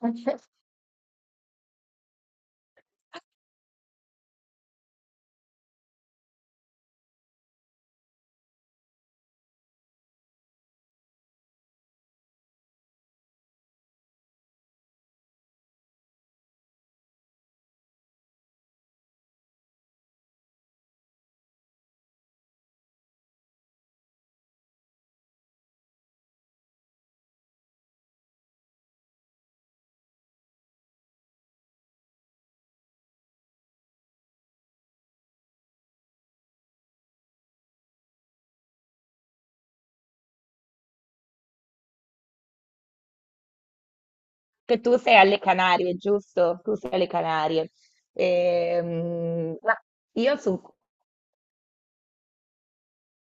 Che tu sei alle Canarie, giusto? Tu sei alle Canarie. Ma io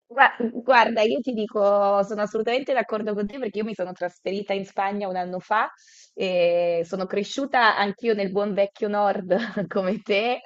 guarda, io ti dico, sono assolutamente d'accordo con te perché io mi sono trasferita in Spagna un anno fa e sono cresciuta anch'io nel buon vecchio nord come te.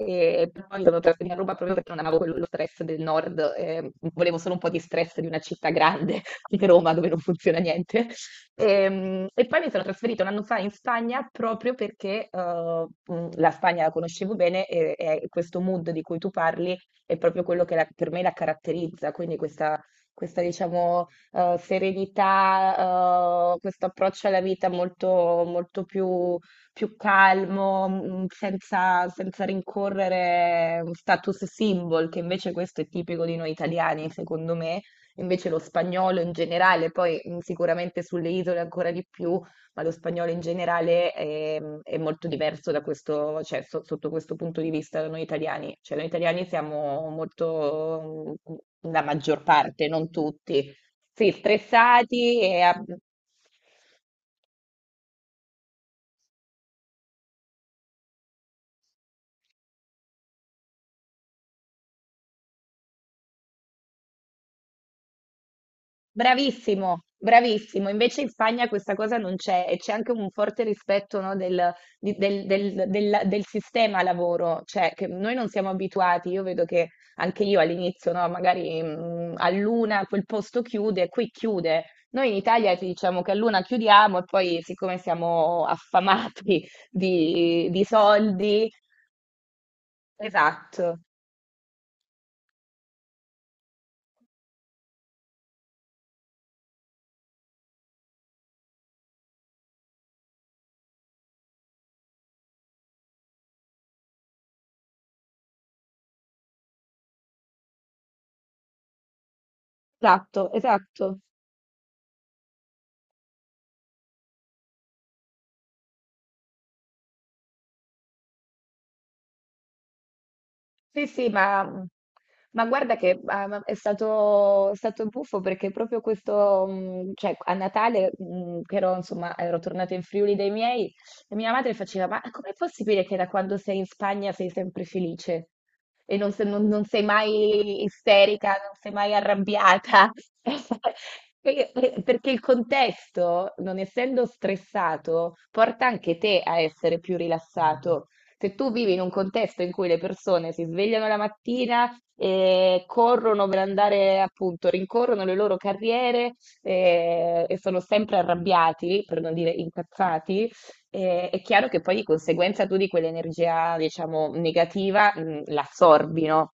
E poi sono trasferita a Roma proprio perché non amavo quello lo stress del nord. Volevo solo un po' di stress di una città grande, di Roma, dove non funziona niente. Poi mi sono trasferita un anno fa in Spagna proprio perché la Spagna la conoscevo bene e questo mood di cui tu parli è proprio quello che per me la caratterizza, quindi questa, diciamo, serenità, questo approccio alla vita molto più più calmo, senza rincorrere un status symbol, che invece questo è tipico di noi italiani, secondo me. Invece lo spagnolo in generale, poi sicuramente sulle isole ancora di più, ma lo spagnolo in generale è molto diverso da questo, cioè, sotto questo punto di vista da noi italiani. Cioè, noi italiani siamo molto, la maggior parte, non tutti, sì, stressati e. Bravissimo, bravissimo. Invece in Spagna questa cosa non c'è e c'è anche un forte rispetto, no, del sistema lavoro, cioè che noi non siamo abituati. Io vedo che anche io all'inizio, no, magari a luna quel posto chiude, qui chiude. Noi in Italia ti diciamo che a luna chiudiamo e poi siccome siamo affamati di soldi. Esatto, esatto. Sì, sì, ma, mhmm, ma guarda che ma è stato buffo perché proprio questo, cioè a Natale, che ero, insomma, ero tornata in Friuli dai miei, e mia madre faceva, ma com'è possibile che da quando sei in Spagna sei sempre felice? E non, non sei mai isterica, non sei mai arrabbiata? Perché il contesto, non essendo stressato, porta anche te a essere più rilassato. Se tu vivi in un contesto in cui le persone si svegliano la mattina e corrono per andare, appunto, rincorrono le loro carriere, e sono sempre arrabbiati, per non dire incazzati, è chiaro che poi di conseguenza tu di quell'energia, diciamo, negativa, l'assorbi, no?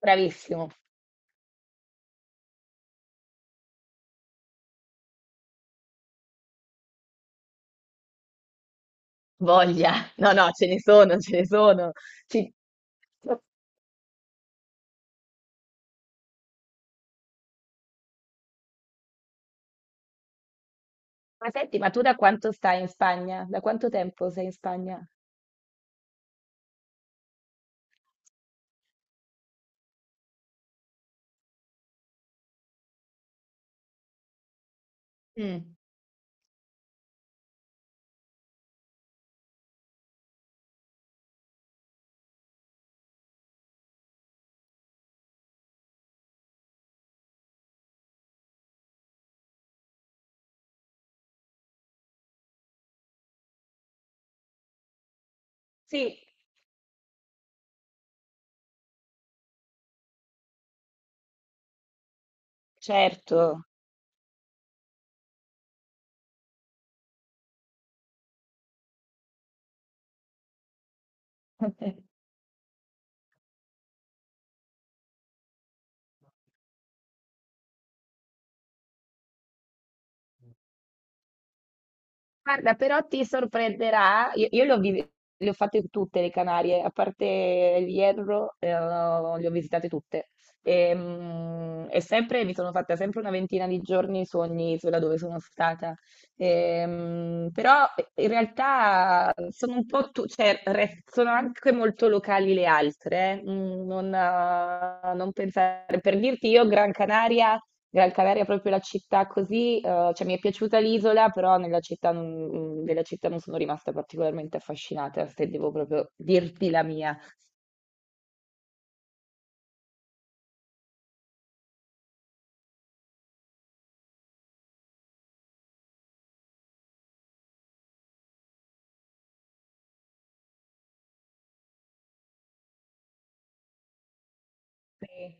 Bravissimo, voglia. No, no, ce ne sono, ce ne sono. Ci- Ma senti, ma tu da quanto stai in Spagna? Da quanto tempo sei in Spagna? Mm. Sì. Certo. Guarda, però ti sorprenderà, io le ho, le ho fatte tutte le Canarie, a parte il Hierro, le ho visitate tutte. E sempre mi sono fatta sempre una ventina di giorni su ogni isola dove sono stata. Però in realtà sono un po' cioè, sono anche molto locali le altre. Eh. Non, non pensare, per dirti io, Gran Canaria. Gran Canaria è proprio la città così, cioè mi è piaciuta l'isola, però nella città non mhmm, della città non sono rimasta particolarmente affascinata, se devo proprio dirti la mia. Sì.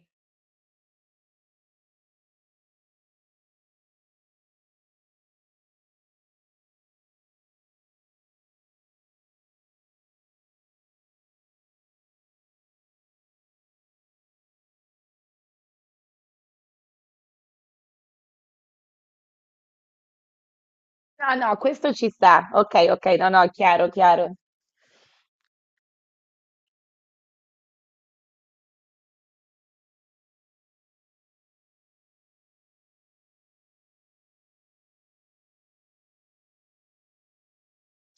No, no, questo ci sta. Okay, okay, no, no, chiaro, chiaro.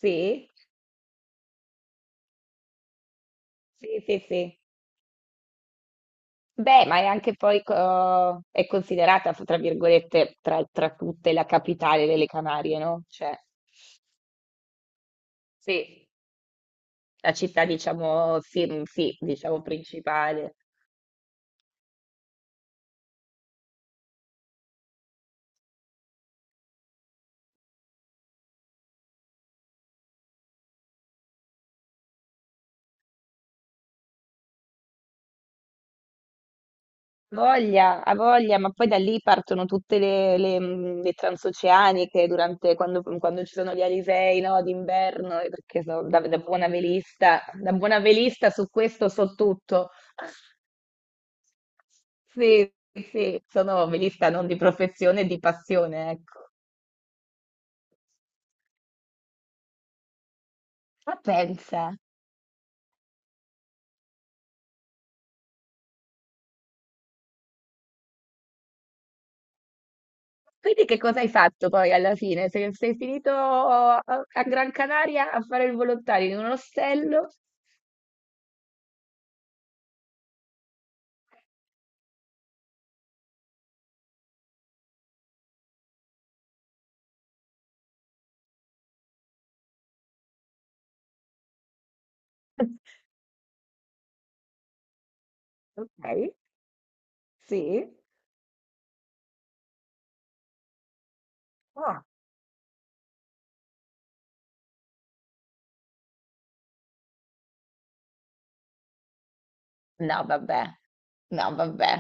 Sì, sì, sì, sì. Beh, ma è anche poi co è considerata f tra virgolette, tra tra tutte, la capitale delle Canarie, no, cioè sì, la città diciamo sì, mhmm, sì, diciamo principale. Voglia, ha voglia, ma poi da lì partono tutte le transoceaniche durante, quando ci sono gli alisei, no, d'inverno, perché da buona velista su questo so tutto. Sì, sì, sono velista non di professione, di passione, ecco. Ma pensa, quindi che cosa hai fatto poi alla fine? Sei finito a Gran Canaria a fare il volontario in un ostello? Ok, sì. Ah. No, vabbè. No, vabbè.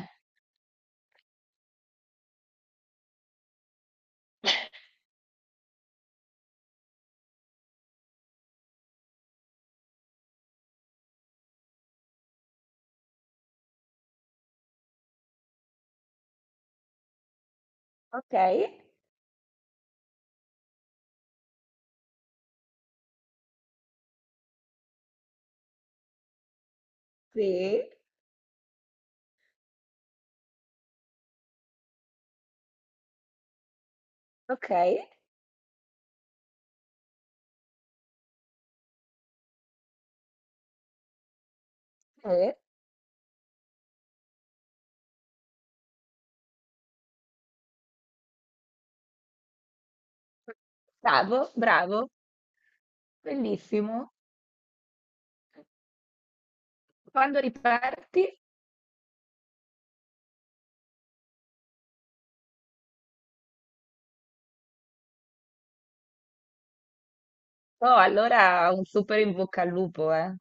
Okay, sì, okay, sì. Bravo, bravo. Bellissimo. Quando riparti? Oh, allora un super in bocca al lupo, eh.